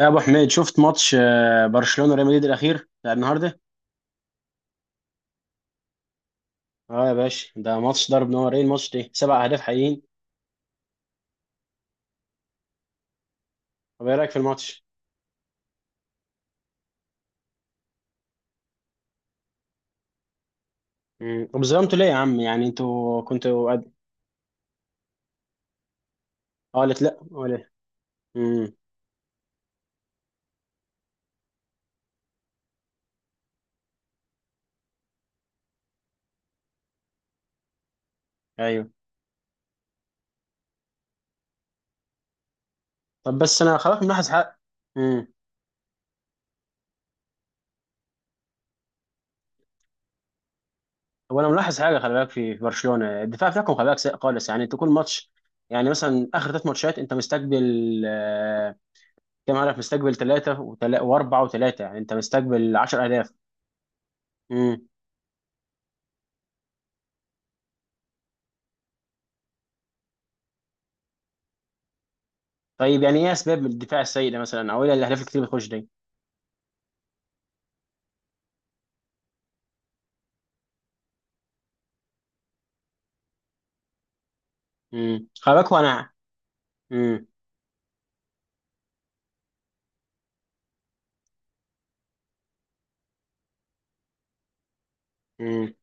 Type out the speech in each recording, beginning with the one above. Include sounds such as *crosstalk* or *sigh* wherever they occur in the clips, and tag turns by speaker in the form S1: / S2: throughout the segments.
S1: يا ابو حميد شفت ماتش، برشلونه ريال مدريد الاخير بتاع النهارده؟ اه يا باشا، ده ماتش ضرب نارين، ماتش ده سبع اهداف حقيقيين. طب ايه رايك في الماتش؟ طب ظلمتوا ليه يا عم؟ يعني انتوا كنتوا قد. اه، قالت لا ولا. امم. ايوه. طب بس انا خلاص ملاحظ حاجه. امم. طب انا ملاحظ حاجه، خلي بالك في برشلونه الدفاع بتاعكم، خلي بالك سيء خالص، يعني انتوا كل ماتش، يعني مثلا اخر ثلاث ماتشات انت مستقبل آه، كام هدف؟ مستقبل ثلاثه واربعه وثلاثه، يعني انت مستقبل 10 اهداف. طيب يعني ايه اسباب الدفاع السيء ده مثلا، او ايه الاهداف الكتير اللي بتخش دي؟ خلي انا. امم. امم.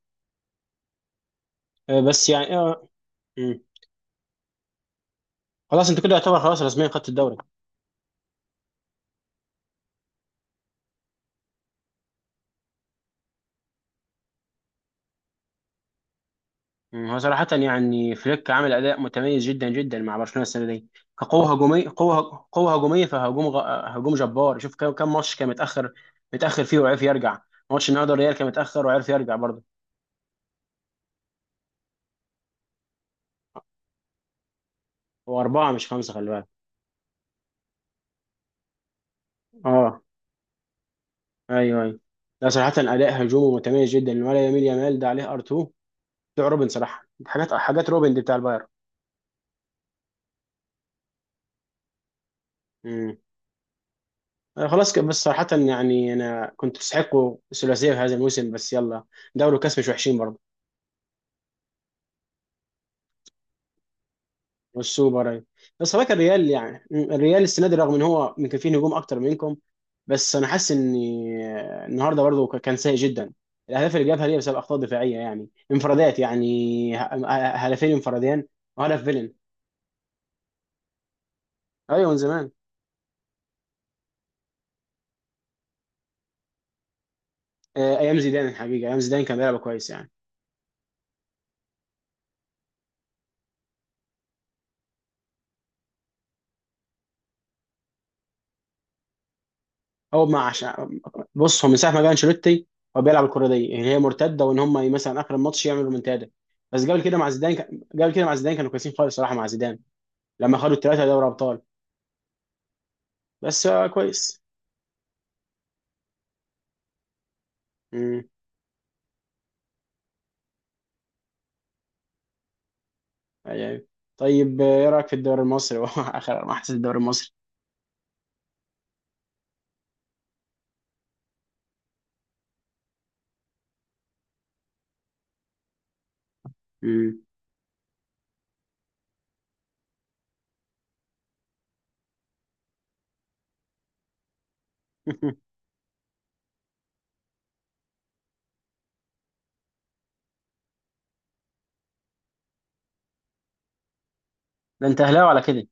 S1: بس يعني امم. خلاص انت كده يعتبر خلاص رسميا خدت الدوري. مم. هو صراحة يعني فليك عامل أداء متميز جدا جدا مع برشلونة السنة دي، كقوة هجومية، قوة هجومية، هجوم جبار، شوف كم ماتش كان متأخر فيه وعرف يرجع. ماتش النهارده الريال كان متأخر وعرف يرجع برضه. هو أربعة مش خمسة، خلي بالك. اه، ايوه ايوه. لا صراحة أداء هجومه متميز جدا، ولا يميل يامال ده عليه ار2 بتوع روبن، صراحه حاجات روبن دي بتاع البايرن. امم. خلاص كده، بس صراحه يعني انا كنت تستحقوا الثلاثيه في هذا الموسم، بس يلا، دوري وكاس مش وحشين برضه. والسوبر أيوة. بس هو الريال يعني، الريال السنه دي رغم ان هو يمكن فيه نجوم اكتر منكم، بس انا حاسس ان النهارده برضه كان سيء جدا. الاهداف اللي جابها دي بسبب اخطاء دفاعيه، يعني انفرادات، يعني هدفين انفرادين وهدف فيلن. ايوه من زمان. ايام زيدان الحقيقه، ايام زيدان كان بيلعب كويس يعني. هو ما عشان. بص هو من ساعه ما جه انشيلوتي هو بيلعب الكره دي اللي هي مرتده، وان هم مثلا اخر الماتش يعملوا رومنتادا. بس قبل كده مع زيدان كانوا كويسين خالص صراحه مع زيدان لما خدوا الثلاثه دوري ابطال. بس كويس. امم. يعني طيب ايه رايك في الدوري المصري؟ *laughs* هو اخر ما حسيت الدوري المصري. امم. *laughs* ده انت اهلاوي على كده.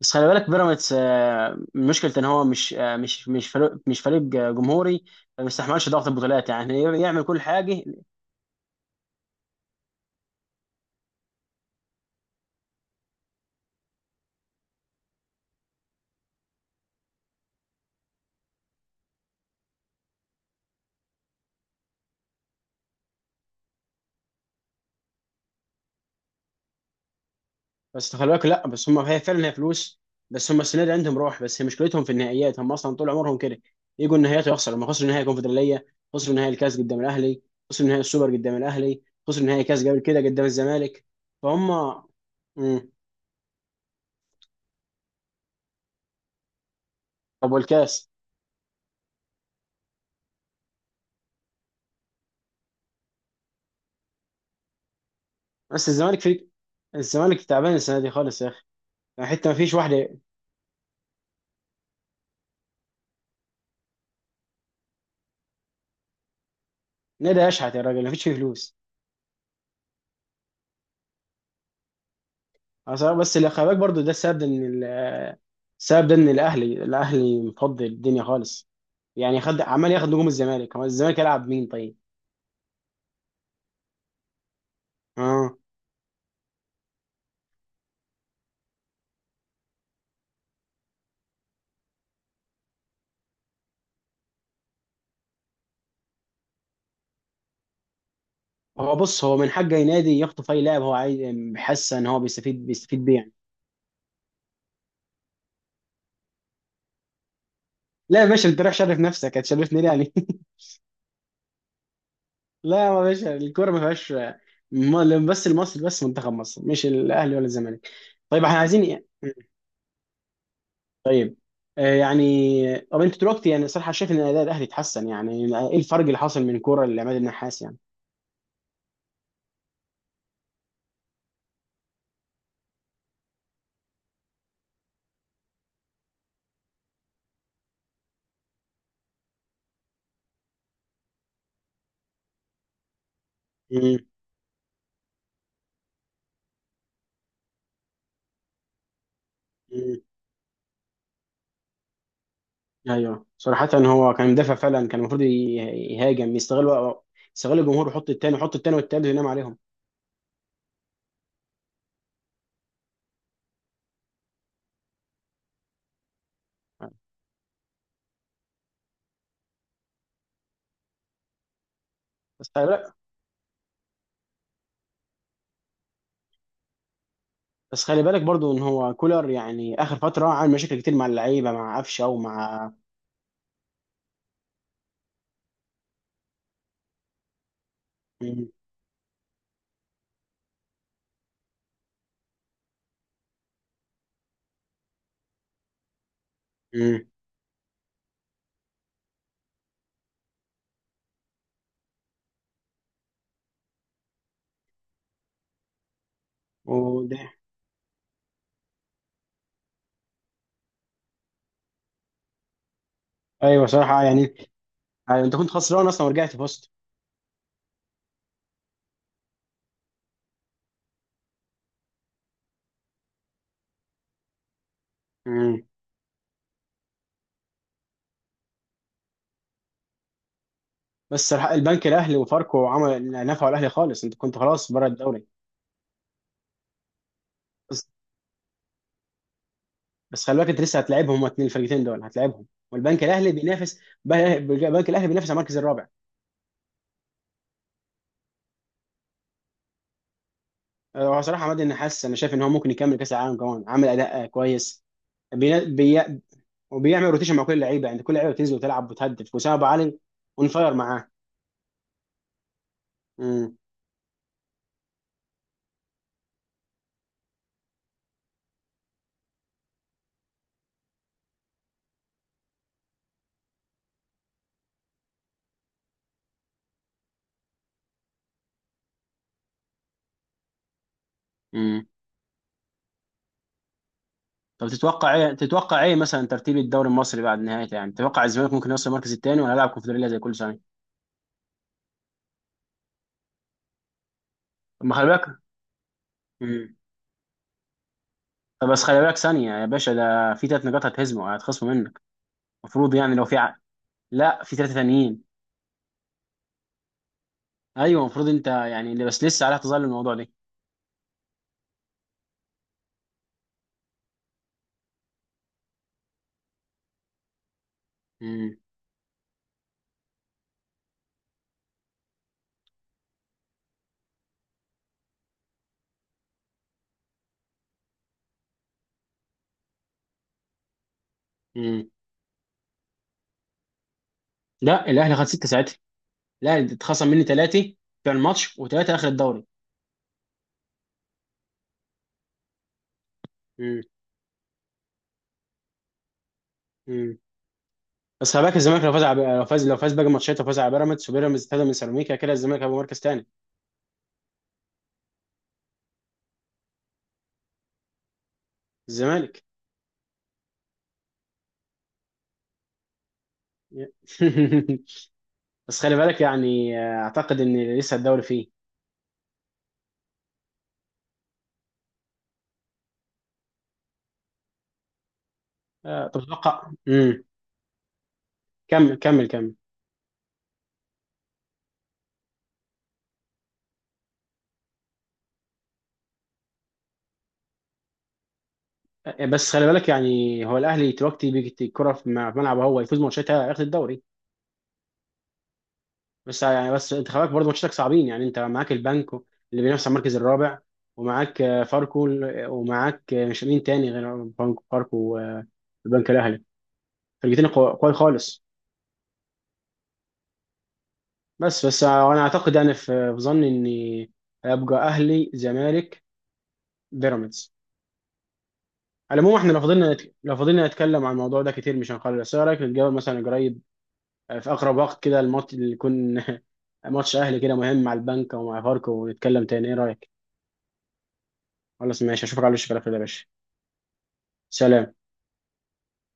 S1: بس خلي بالك بيراميدز مشكلته ان هو مش آه، مش مش فريق مش فريق جمهوري، ما بيستحملش ضغط البطولات، يعني يعمل كل حاجه. بس خلي بالك، لا بس هم هي فعلا هي فلوس، بس هم السنه دي عندهم روح، بس هي مشكلتهم في النهائيات، هم اصلا طول عمرهم كده يجوا النهائيات ويخسروا، لما خسروا نهائي الكونفدراليه، خسروا نهائي الكاس قدام الاهلي، خسروا نهائي السوبر قدام الاهلي، خسروا نهائي كاس قبل كده قدام الزمالك. فهم. مم. طب والكاس؟ بس الزمالك في. الزمالك تعبان السنه دي خالص يا اخي، يعني حتى ما فيش واحده. نادي اشحت يا راجل، ما فيش فيه فلوس أصلاً. بس اللي خلي بالك برضه ده السبب ان السبب ده ان الاهلي مفضل الدنيا خالص، يعني خد عمال ياخد نجوم الزمالك، هو الزمالك يلعب مين طيب؟ اه. هو بص هو من حق اي نادي يخطف اي لاعب هو عايز، حاسس ان هو بيستفيد بيه يعني. لا يا باشا، انت رايح شرف نفسك، هتشرفني ليه يعني؟ *laughs* لا يا باشا، الكوره ما فيهاش بس المصري، بس منتخب مصر مش الاهلي ولا الزمالك. طيب احنا عايزين إيه؟ يعني طب انت دلوقتي يعني صراحه شايف ان اداء الاهلي اتحسن يعني؟ ايه الفرق اللي حصل من كوره لعماد النحاس يعني؟ مم. ايوه صراحة، هو كان مدافع فعلا، كان المفروض يهاجم، يستغل يستغل الجمهور، ويحط التاني، يحط التاني والتالت، وينام عليهم. بس خلي بالك. بس خلي بالك برضو ان هو كولر يعني، اخر فترة عامل مشاكل كتير مع اللعيبة، مع قفشة ومع. مم. مم. وده. ايوه صراحة يعني، يعني انت كنت خسران اصلا ورجعت فزت. مم. بس صراحة البنك الاهلي وفاركو عمل، نفعوا الاهلي خالص، انت كنت خلاص بره الدوري. بس بس خلي بالك انت لسه هتلاعبهم، هما اتنين الفرقتين دول هتلاعبهم، والبنك الاهلي بينافس، البنك الاهلي بينافس على المركز الرابع. هو صراحه عماد النحاس انا شايف ان هو ممكن يكمل كاس العالم كمان، عامل اداء كويس. بي... بي... وبيعمل روتيشن مع كل اللعيبه، يعني كل لعيبه بتنزل وتلعب وتهدف، وسام ابو علي اون فاير معاه. امم. امم. طب تتوقع ايه؟ مثلا ترتيب الدوري المصري بعد نهايته يعني؟ تتوقع الزمالك ممكن يوصل المركز الثاني ولا هيلعب كونفدراليه زي كل سنه؟ طب ما خلي بالك. امم. طب بس خلي بالك ثانيه يا باشا، ده في ثلاث نقاط هتخصموا منك، المفروض يعني لو في لا في ثلاثه ثانيين. ايوه المفروض انت يعني، بس لسه عليها تظل الموضوع ده. امم. لا الاهلي خد سته ساعتها. لا اتخصم مني ثلاثه في الماتش، وثلاثه اخر الدوري. امم. امم. بس خلي بالك الزمالك لو فاز باقي الماتشات، وفاز على بيراميدز، وبيراميدز اتهدى من سيراميكا كده، الزمالك هيبقى مركز ثاني. الزمالك. *laughs* بس خلي بالك يعني اعتقد ان لسه الدوري فيه. تتوقع كمل كمل كمل. بس خلي بالك يعني هو الاهلي دلوقتي بيجي الكره في ملعبه، هو يفوز ماتشاتها ياخد الدوري، بس يعني، بس انت خلاك برضه ماتشاتك صعبين، يعني انت معاك البنك اللي بينافس على المركز الرابع، ومعاك ومعاك مش مين تاني غير بنك فاركو، والبنك الاهلي، فرقتين قوي خالص. بس وانا اعتقد يعني في، في ظني اني هيبقى اهلي، زمالك، بيراميدز. على العموم احنا لو فضلنا لو فضلنا نتكلم عن الموضوع ده كتير مش هنخلص، بس ايه رايك نتجاوب مثلا قريب؟ في اقرب وقت كده الماتش اللي يكون *laughs* ماتش اهلي كده مهم مع البنك او مع فاركو، ونتكلم تاني، ايه رايك؟ خلاص ماشي، اشوفك على وش كده يا باشا. سلام.